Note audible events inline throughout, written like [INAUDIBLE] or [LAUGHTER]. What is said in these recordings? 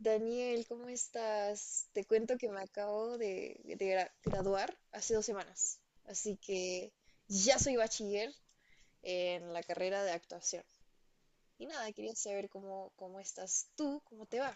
Daniel, ¿cómo estás? Te cuento que me acabo de graduar hace dos semanas, así que ya soy bachiller en la carrera de actuación. Y nada, quería saber cómo estás tú, cómo te va.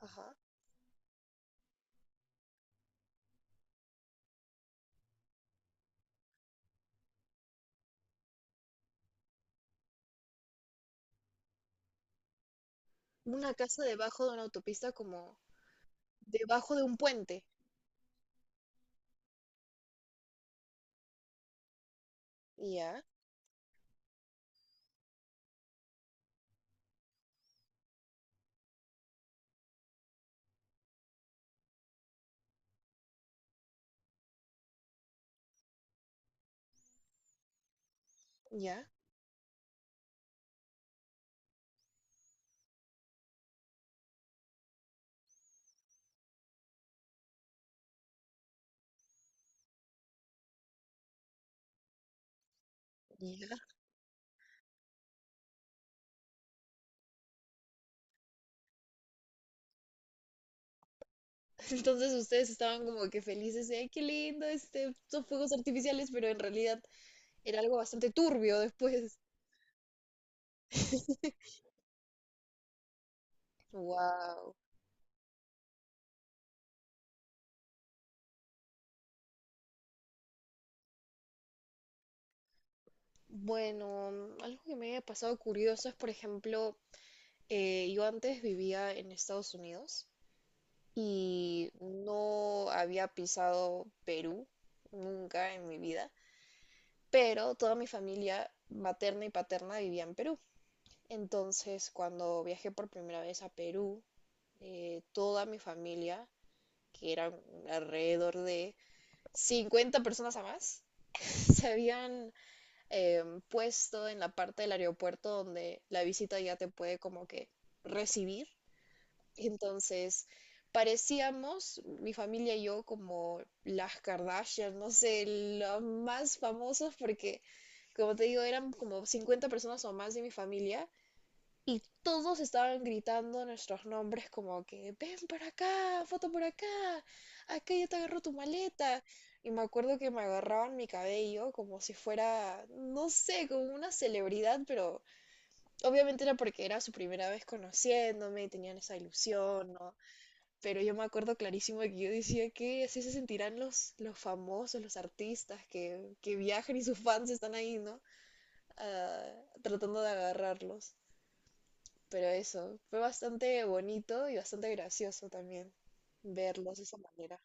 Ajá. Una casa debajo de una autopista, como debajo de un puente. Ya, ya, ya. [LAUGHS] Entonces ustedes estaban como que felices de, ay, qué lindo, este, son fuegos artificiales, pero en realidad era algo bastante turbio después. [LAUGHS] Wow. Bueno, algo que me haya pasado curioso es, por ejemplo, yo antes vivía en Estados Unidos y no había pisado Perú nunca en mi vida, pero toda mi familia materna y paterna vivía en Perú. Entonces, cuando viajé por primera vez a Perú, toda mi familia, que eran alrededor de 50 personas a más, [LAUGHS] se habían eh, puesto en la parte del aeropuerto donde la visita ya te puede como que recibir. Entonces, parecíamos, mi familia y yo, como las Kardashian, no sé, los más famosos porque, como te digo, eran como 50 personas o más de mi familia y todos estaban gritando nuestros nombres como que, ven para acá, foto por acá, acá ya te agarro tu maleta. Y me acuerdo que me agarraban mi cabello como si fuera, no sé, como una celebridad, pero obviamente era porque era su primera vez conociéndome y tenían esa ilusión, ¿no? Pero yo me acuerdo clarísimo que yo decía que así se sentirán los famosos, los artistas que viajan y sus fans están ahí, ¿no? Ah, tratando de agarrarlos. Pero eso, fue bastante bonito y bastante gracioso también verlos de esa manera.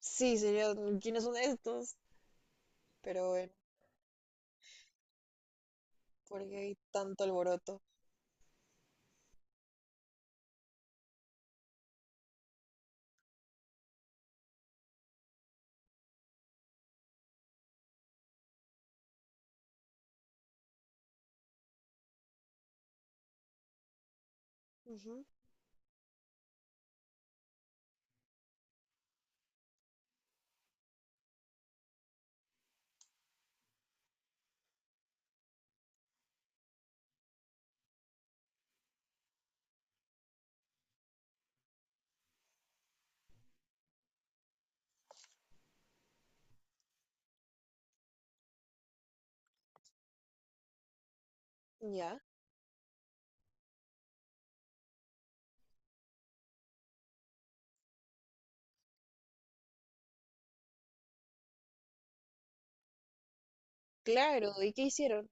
Sí, sería, ¿quiénes son estos? Pero bueno, porque hay tanto alboroto. Ujú, ya, claro, ¿y qué hicieron?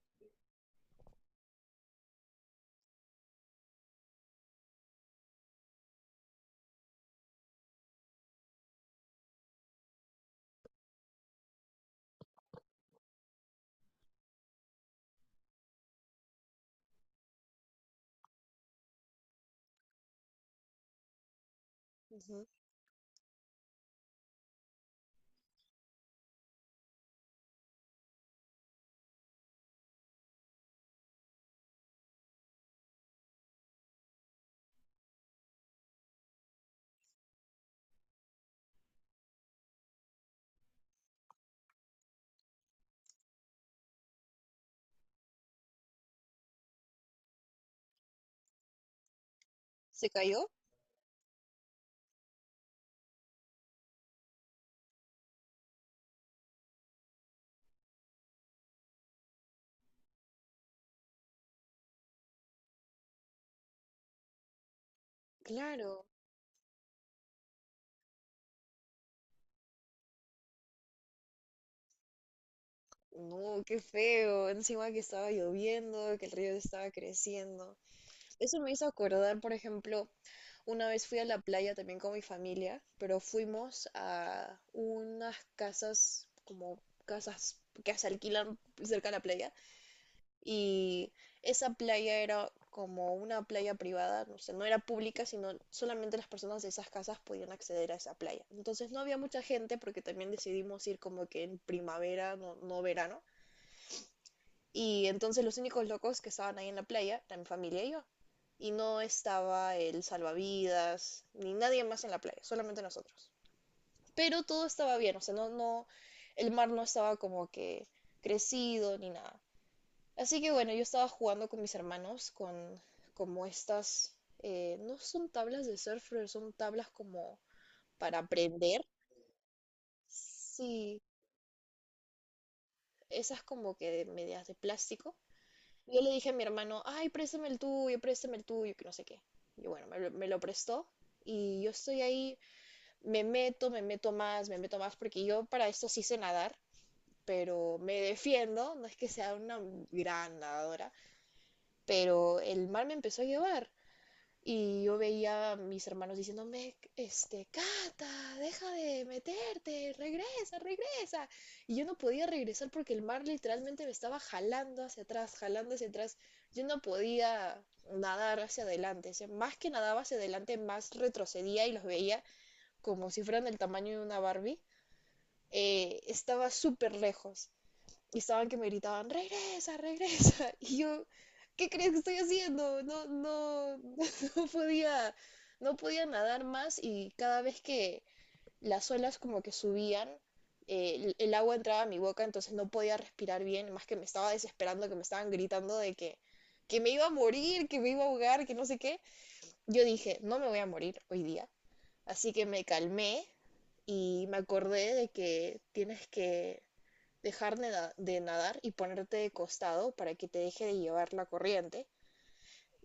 Ujú. ¿Se cayó? Claro. No, qué feo. Encima que estaba lloviendo, que el río estaba creciendo. Eso me hizo acordar, por ejemplo, una vez fui a la playa también con mi familia, pero fuimos a unas casas, como casas que se alquilan cerca de la playa. Y esa playa era como una playa privada, no sé, no era pública, sino solamente las personas de esas casas podían acceder a esa playa. Entonces no había mucha gente porque también decidimos ir como que en primavera, no, no verano. Y entonces los únicos locos que estaban ahí en la playa eran mi familia y yo. Y no estaba el salvavidas, ni nadie más en la playa, solamente nosotros. Pero todo estaba bien, o sea, no, el mar no estaba como que crecido ni nada. Así que bueno, yo estaba jugando con mis hermanos, con como estas, no son tablas de surf, pero son tablas como para aprender. Sí, esas como que de medias de plástico. Yo le dije a mi hermano, ay, préstame el tuyo, que no sé qué. Y bueno, me lo prestó y yo estoy ahí, me meto más, porque yo para esto sí sé nadar, pero me defiendo, no es que sea una gran nadadora, pero el mar me empezó a llevar y yo veía a mis hermanos diciéndome, este, Cata, deja de meterte, regresa, regresa. Y yo no podía regresar porque el mar literalmente me estaba jalando hacia atrás, jalando hacia atrás. Yo no podía nadar hacia adelante. O sea, más que nadaba hacia adelante, más retrocedía y los veía como si fueran del tamaño de una Barbie. Estaba súper lejos y estaban que me gritaban, regresa, regresa. [LAUGHS] Y yo, ¿qué crees que estoy haciendo? No, no, [LAUGHS] no podía, no podía nadar más y cada vez que las olas como que subían, el agua entraba a mi boca, entonces no podía respirar bien, más que me estaba desesperando, que me estaban gritando de que me iba a morir, que me iba a ahogar, que no sé qué. Yo dije, no me voy a morir hoy día. Así que me calmé y me acordé de que tienes que dejar de nadar y ponerte de costado para que te deje de llevar la corriente.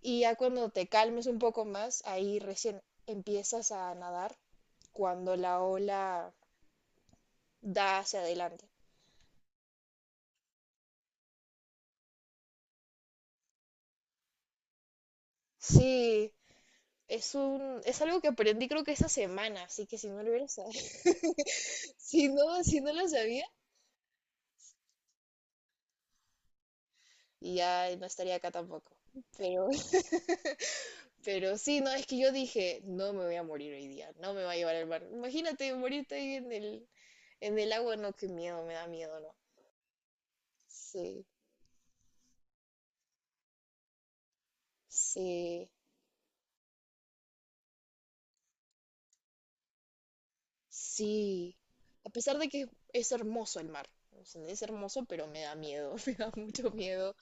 Y ya cuando te calmes un poco más, ahí recién empiezas a nadar cuando la ola da hacia adelante. Sí, es un, es algo que aprendí creo que esta semana, así que si no lo hubiera sabido, [LAUGHS] si no, si no lo sabía, ya no estaría acá tampoco. Pero Pero sí, no, es que yo dije, no me voy a morir hoy día, no me va a llevar el mar. Imagínate morirte ahí en el agua, no, qué miedo, me da miedo, no. Sí, sí, sí. A pesar de que es hermoso el mar, o sea, es hermoso, pero me da miedo, [LAUGHS] me da mucho miedo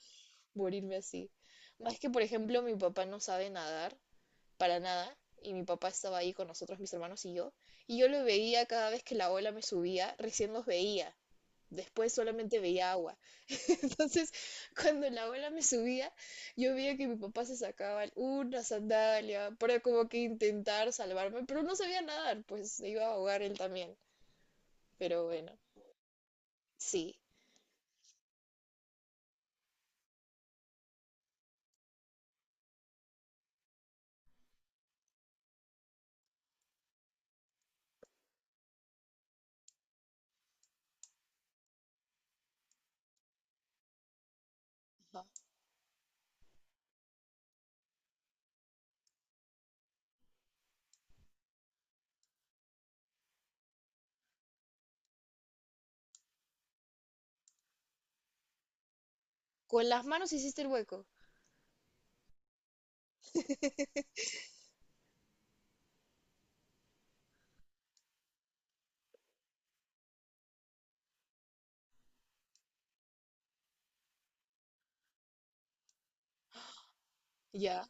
morirme así. Más que, por ejemplo, mi papá no sabe nadar, para nada, y mi papá estaba ahí con nosotros, mis hermanos y yo lo veía cada vez que la ola me subía, recién los veía. Después solamente veía agua. [LAUGHS] Entonces, cuando la ola me subía, yo veía que mi papá se sacaba una sandalia para como que intentar salvarme, pero no sabía nadar, pues se iba a ahogar él también. Pero bueno, sí. Con las manos hiciste el hueco. Ya,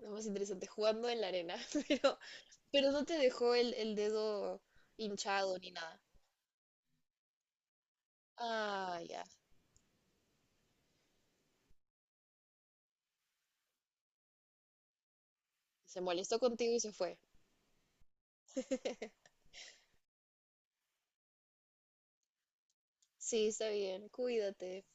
lo más interesante, jugando en la arena, [LAUGHS] pero, pero no te dejó el dedo hinchado ni nada. Ah, ya. Se molestó contigo y se fue. [LAUGHS] Sí, está bien. Cuídate.